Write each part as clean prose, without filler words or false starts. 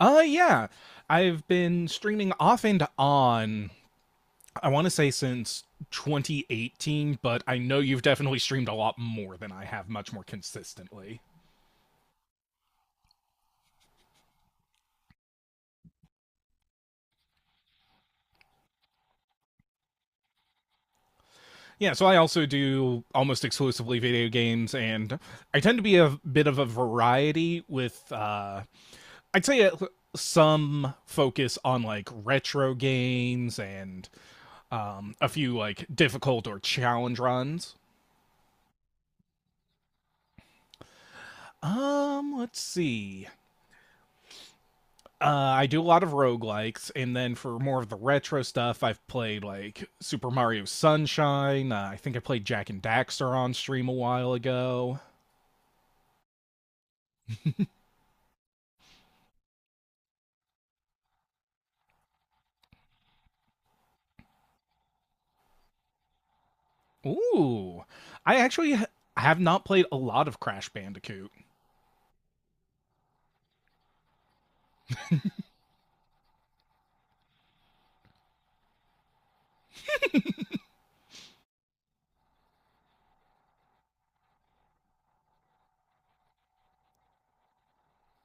Yeah. I've been streaming off and on, I want to say since 2018, but I know you've definitely streamed a lot more than I have, much more consistently. Yeah, so I also do almost exclusively video games, and I tend to be a bit of a variety with, I'd say, some focus on like retro games and a few like difficult or challenge runs. Let's see. I do a lot of roguelikes, and then for more of the retro stuff, I've played like Super Mario Sunshine. I think I played Jack and Daxter on stream a while ago. Ooh, I actually ha- have not played a lot of Crash Bandicoot.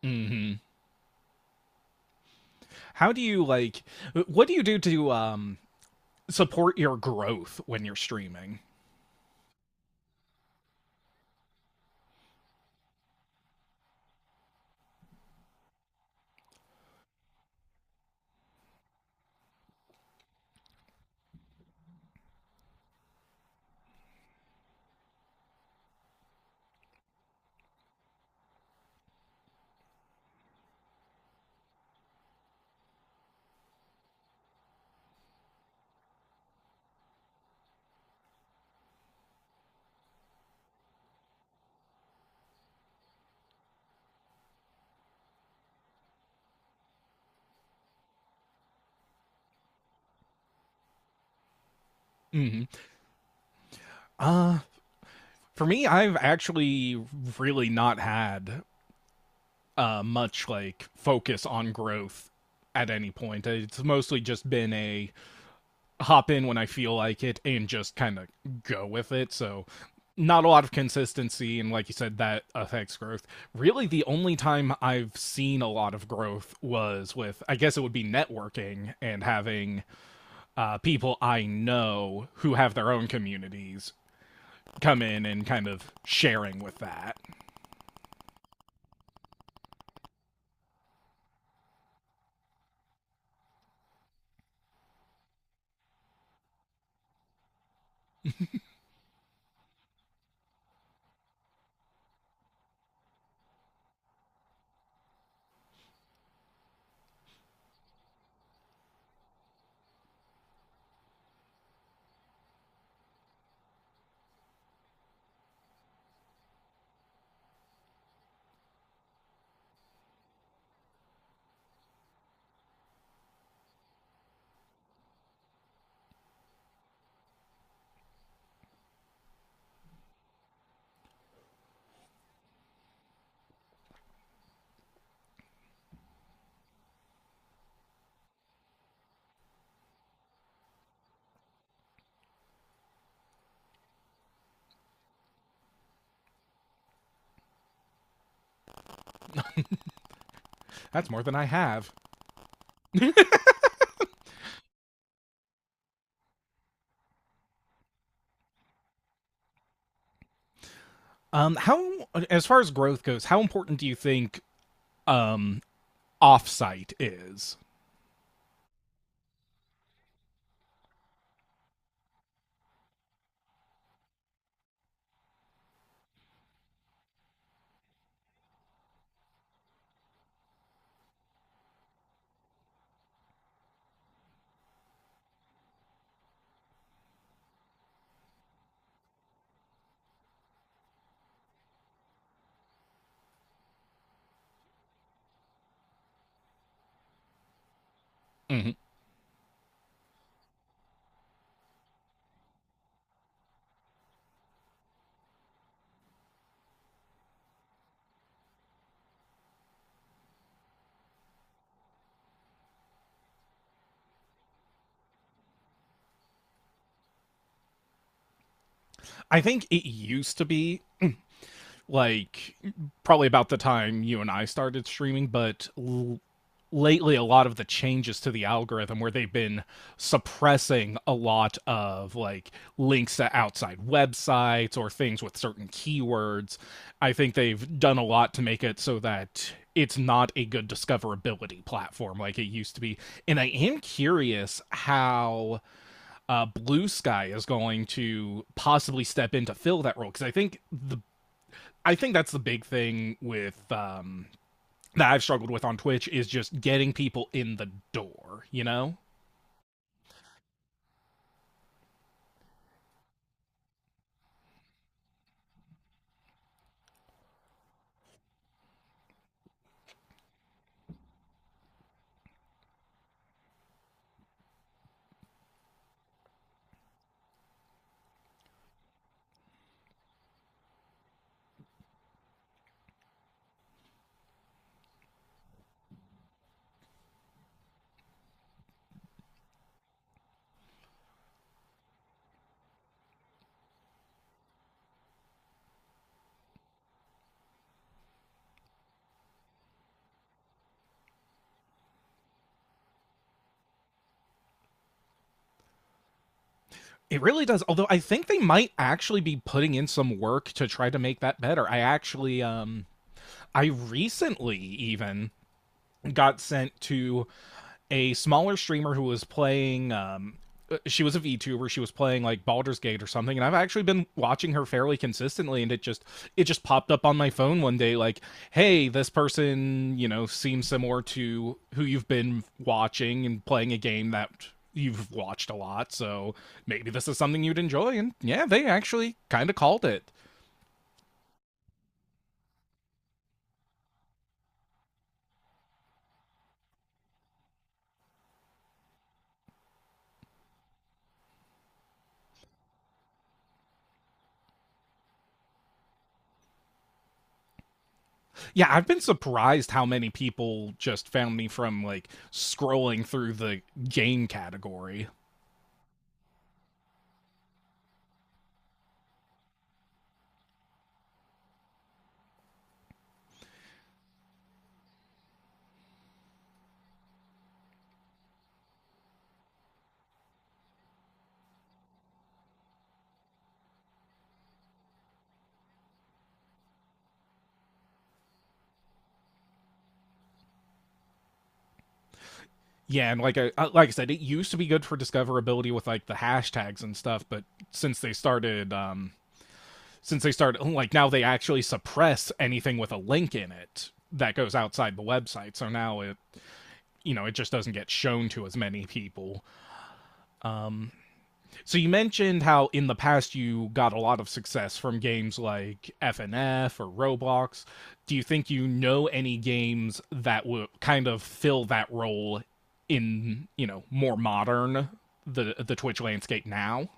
Hmm How do you like? What do you do to support your growth when you're streaming? Hmm For me, I've actually really not had much like focus on growth at any point. It's mostly just been a hop in when I feel like it and just kind of go with it. So not a lot of consistency, and like you said, that affects growth. Really the only time I've seen a lot of growth was with, I guess it would be, networking and having people I know who have their own communities come in and kind of sharing with that. That's more than I have. How, as far as growth goes, how important do you think um offsite is? Mm-hmm. I think it used to be, like, probably about the time you and I started streaming, but lately a lot of the changes to the algorithm where they've been suppressing a lot of like links to outside websites or things with certain keywords. I think they've done a lot to make it so that it's not a good discoverability platform like it used to be. And I am curious how Blue Sky is going to possibly step in to fill that role, because I think the I think that's the big thing with, that I've struggled with on Twitch, is just getting people in the door. You know, it really does. Although I think they might actually be putting in some work to try to make that better. I actually, I recently even got sent to a smaller streamer who was playing she was a VTuber, she was playing like Baldur's Gate or something, and I've actually been watching her fairly consistently, and it just, it just popped up on my phone one day like, "Hey, this person, you know, seems similar to who you've been watching and playing a game that you've watched a lot, so maybe this is something you'd enjoy." And yeah, they actually kind of called it. Yeah, I've been surprised how many people just found me from like scrolling through the game category. Yeah, and like I said, it used to be good for discoverability with like the hashtags and stuff, but since they started um since they started, like, now they actually suppress anything with a link in it that goes outside the website. So now it, you know, it just doesn't get shown to as many people. So you mentioned how in the past you got a lot of success from games like FNF or Roblox. Do you think you know any games that will kind of fill that role in, you know, more modern, the Twitch landscape now?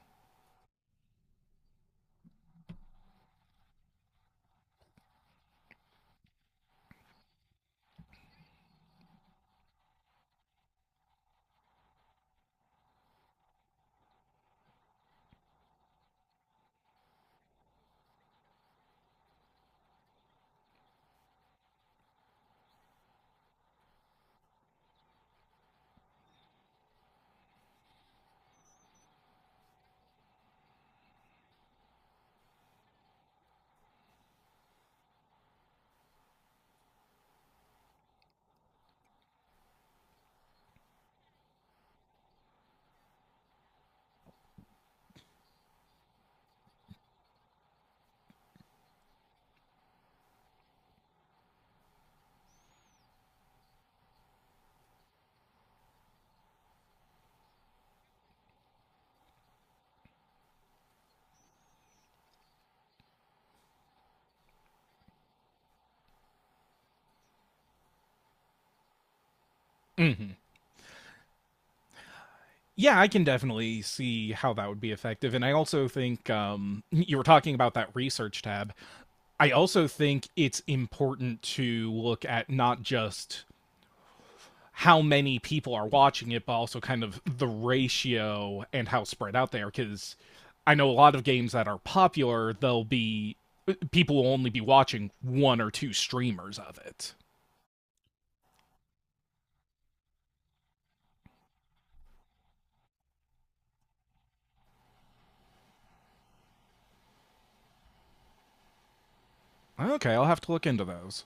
Mm. Yeah, I can definitely see how that would be effective. And I also think, you were talking about that research tab. I also think it's important to look at not just how many people are watching it, but also kind of the ratio and how spread out they are. Because I know a lot of games that are popular, they'll be, people will only be watching one or two streamers of it. Okay, I'll have to look into those.